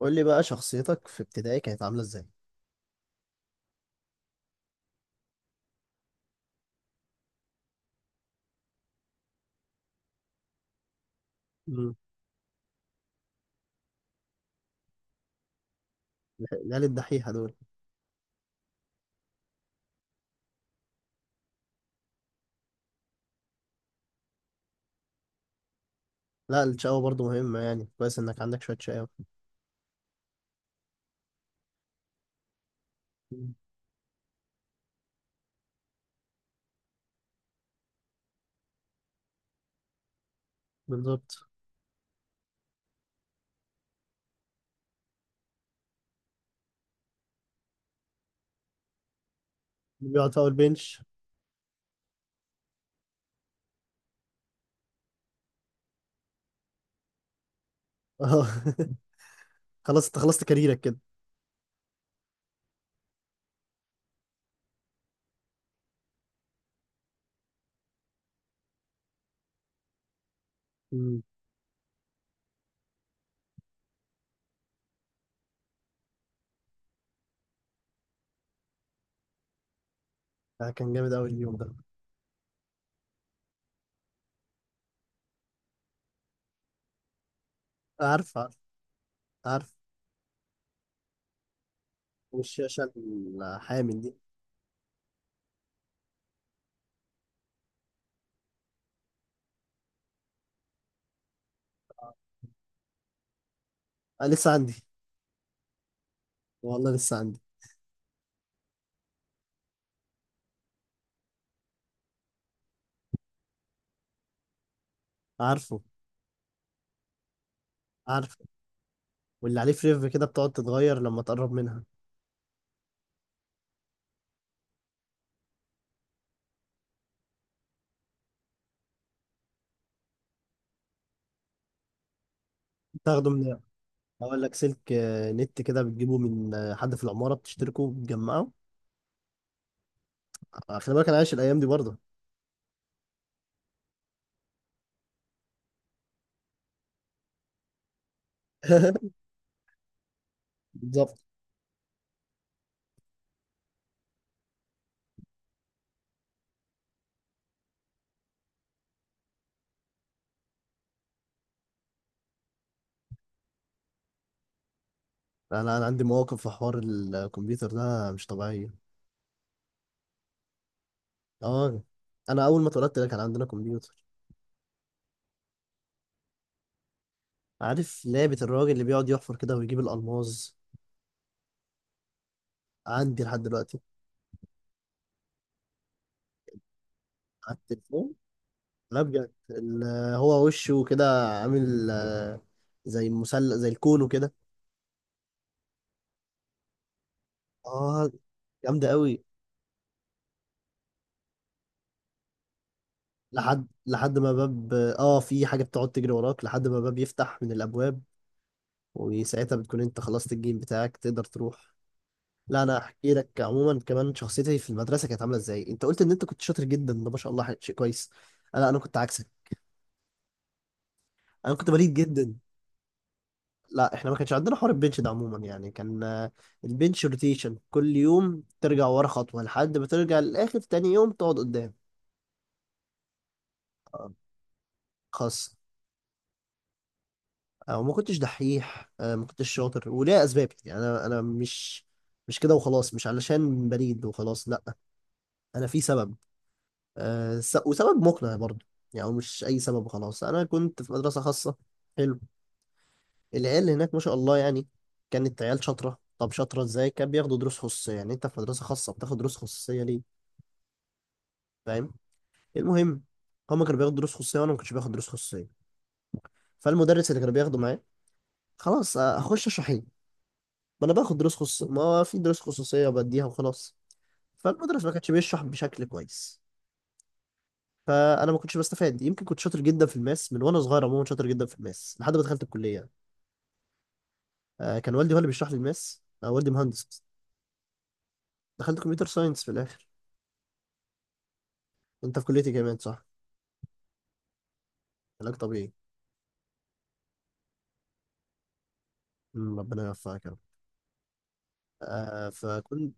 قول لي بقى شخصيتك في ابتدائي كانت عاملة ازاي؟ مم. العيال الدحيحة دول. لا، الشقاوة برضو مهمة، يعني كويس انك عندك شوية شقاوة. مم. بالظبط. اللي بيقعد في اول بنش. اه. خلاص انت خلصت كاريرك كده. مم. آه، كان جامد اوي اليوم ده. عارف، عارف، عارف. والشاشة الحامل دي؟ آه، لسه عندي. والله لسه عندي. عارفه، عارفه. واللي عليه فريف كده بتقعد تتغير لما تقرب منها. تاخده من. اقول لك سلك، نت كده، بتجيبه من حد في العمارة، بتشتركه بتجمعه. خلي بالك انا عايش الايام دي برضه. بالظبط. انا عندي مواقف في حوار الكمبيوتر ده مش طبيعيه. اه، انا اول ما اتولدت لك كان عندنا كمبيوتر. عارف لعبه الراجل اللي بيقعد يحفر كده ويجيب الالماظ؟ عندي لحد دلوقتي. على التليفون. لا بجد، هو وشه كده عامل، زي مسلة، زي الكون، وكده. اه، جامده قوي. لحد ما باب، في حاجه بتقعد تجري وراك لحد ما باب يفتح من الابواب. وساعتها بتكون انت خلصت الجيم بتاعك، تقدر تروح. لا، انا احكي لك عموما كمان. شخصيتي في المدرسه كانت عامله ازاي؟ انت قلت ان انت كنت شاطر جدا، ده ما شاء الله، شيء كويس. لا، انا كنت عكسك. انا كنت بليد جدا. لا، احنا ما كانش عندنا حوار البنش ده عموما، يعني كان. البنش روتيشن، كل يوم ترجع ورا خطوه، لحد ما ترجع للاخر، تاني يوم تقعد قدام. آه. خاص. وما كنتش دحيح، ما كنتش شاطر، وليا اسبابي يعني. انا مش. مش كده وخلاص، مش علشان بليد وخلاص، لا. انا في سبب، وسبب مقنع برضه. يعني هو مش أي سبب خلاص. أنا كنت في مدرسة خاصة. حلو. العيال هناك ما شاء الله يعني. كانت عيال شاطرة. طب شاطرة إزاي؟ كان بياخدوا دروس خصوصية. يعني أنت في مدرسة خاصة بتاخد دروس خصوصية ليه؟ فاهم. المهم، هما كانوا بياخدوا دروس خصوصية وأنا ما كنتش باخد دروس خصوصية. فالمدرس اللي كان بياخده معايا، خلاص، هخش أشرح إيه؟ ما أنا باخد دروس خصوصية. ما هو في دروس خصوصية، بديها وخلاص. فالمدرس ما كانش بيشرح بشكل كويس. فانا ما كنتش بستفاد. يمكن كنت شاطر جدا في الماس من وانا صغير، عموما شاطر جدا في الماس لحد ما دخلت الكليه. كان والدي هو اللي بيشرح لي الماس، والدي مهندس أصلاً. دخلت كمبيوتر ساينس في الاخر. انت في كليه إيه كمان، صح؟ علاج طبيعي. مم. ربنا يوفقك يا رب. فكنت.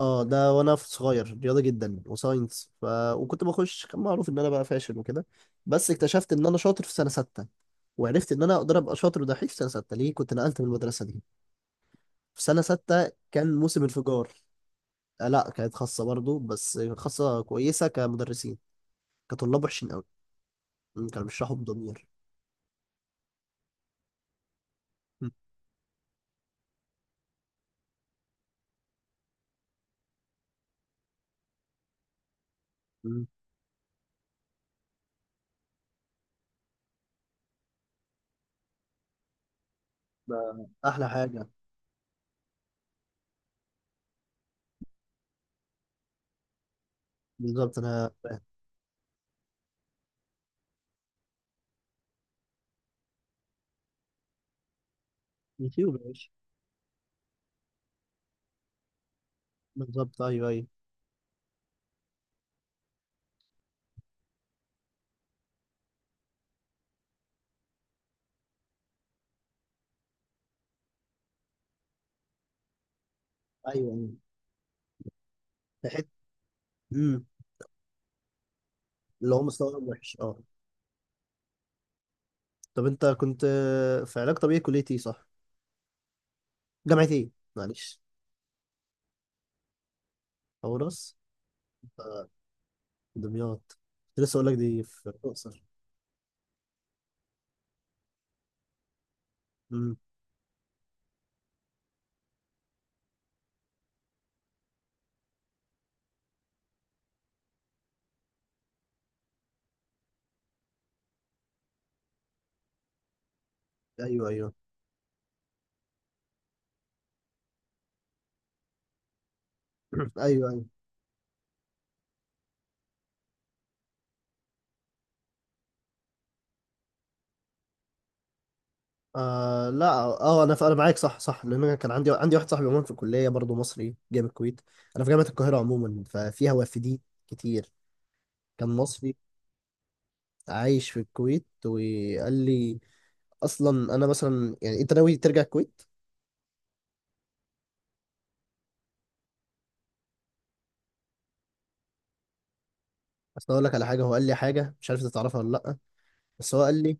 اه، ده وانا في صغير رياضه جدا وساينس ف. وكنت بخش، كان معروف ان انا بقى فاشل وكده. بس اكتشفت ان انا شاطر في سنه سته. وعرفت ان انا اقدر ابقى شاطر ودحيح في سنه سته. ليه كنت نقلت من المدرسه دي؟ في سنه سته كان موسم انفجار. آه لا، كانت خاصه برضو، بس خاصه كويسه كمدرسين. كطلاب وحشين قوي. مم. كانوا بيشرحوا بضمير. مم. ده احلى حاجه. بالظبط، انا فاهم. يوتيوب يا باشا. بالظبط، ايوه، ايوه. ايوه، ايوه. في حته. امم. اللي هو مستوى وحش، اه. طب انت كنت في علاج طبيعي، كليه ايه صح؟ جامعه ايه؟ معلش. حورس. آه، دمياط. كنت لسه اقول لك دي في الاقصر. امم. ايوه، ايوه. ايوه، ايوه. آه لا، انا معاك، صح، صح. لان انا كان عندي واحد صاحبي، عموما في الكليه برضه، مصري جاي من الكويت. انا في جامعه القاهره، عموما ففيها وافدين كتير. كان مصري عايش في الكويت، وقال لي، اصلا انا مثلا، يعني انت ناوي ترجع الكويت؟ اصل اقول لك على حاجه. هو قال لي حاجه، مش عارف انت تعرفها ولا لا. بس هو قال لي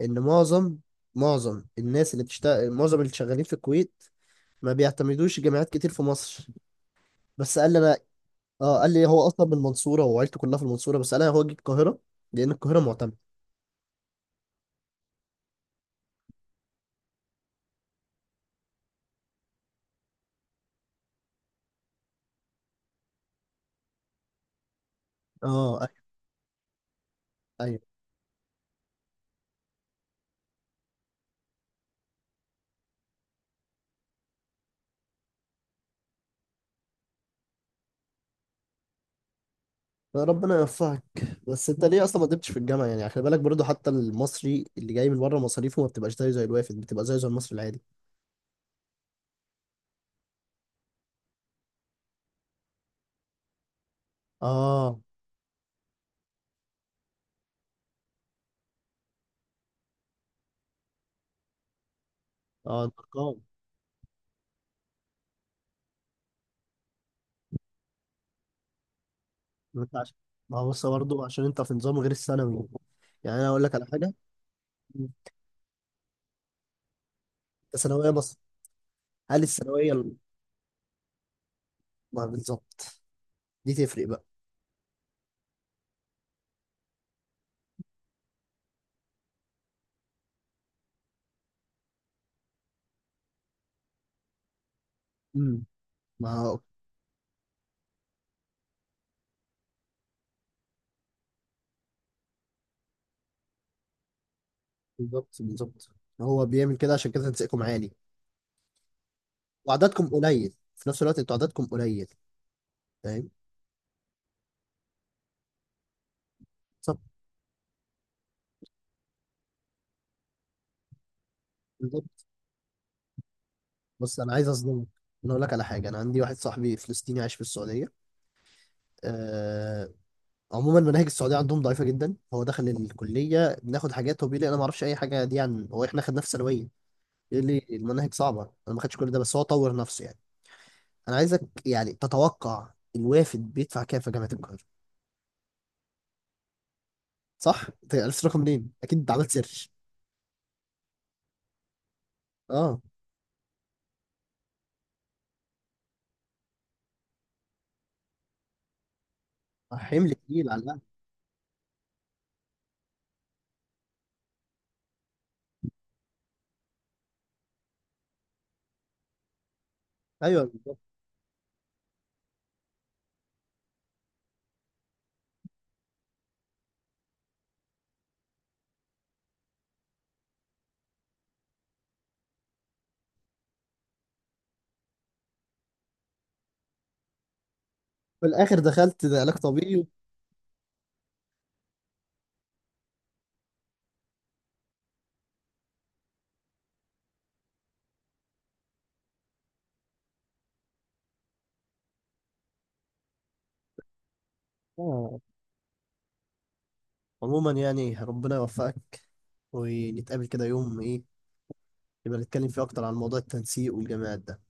ان معظم اللي شغالين في الكويت ما بيعتمدوش جامعات كتير في مصر. بس قال لي انا، اه، قال لي هو اصلا من المنصوره وعيلته كلها في المنصوره، بس قال لي هو جه القاهره لان القاهره معتمده. اه، ايوه، ايوه. ربنا يوفقك. بس انت ليه اصلا ما قدمتش في الجامعه؟ يعني خلي بالك برضه، حتى المصري اللي جاي من بره مصاريفه ما بتبقاش زيه زي الوافد، بتبقى زيه زي المصري العادي. اه، اه، الارقام. انت عشان. ما هو بص برضه، عشان انت في نظام غير الثانوي. يعني انا اقول لك على حاجه. انت ثانويه مصر؟ هل الثانويه ما بالظبط، دي تفرق بقى. امم. ما هو. بالظبط، بالظبط. هو بيعمل كده عشان كده تنسيقكم عالي. وعددكم قليل في نفس الوقت، انتوا عددكم قليل. فاهم. بالظبط، بالظبط. بص، انا عايز اصدمك. انا اقول لك على حاجه، انا عندي واحد صاحبي فلسطيني عايش في السعوديه. آه، عموما مناهج السعوديه عندهم ضعيفه جدا، هو دخل الكليه بناخد حاجات هو بيقول لي انا ما اعرفش اي حاجه دي، عن هو احنا خدناه في ثانويه. يقول لي المناهج صعبه. انا ما خدتش كل ده، بس هو طور نفسه يعني. انا عايزك يعني تتوقع الوافد بيدفع كام في جامعه القاهره. صح، انت عرفت الرقم منين؟ اكيد انت عملت سيرش. اه. حمل تقيل على الأهل. ايوه، بالظبط. في الاخر دخلت ده علاج طبيعي. آه. عموما يعني ربنا يوفقك. ونتقابل كده يوم ايه، يبقى نتكلم فيه اكتر عن موضوع التنسيق والجامعات ده.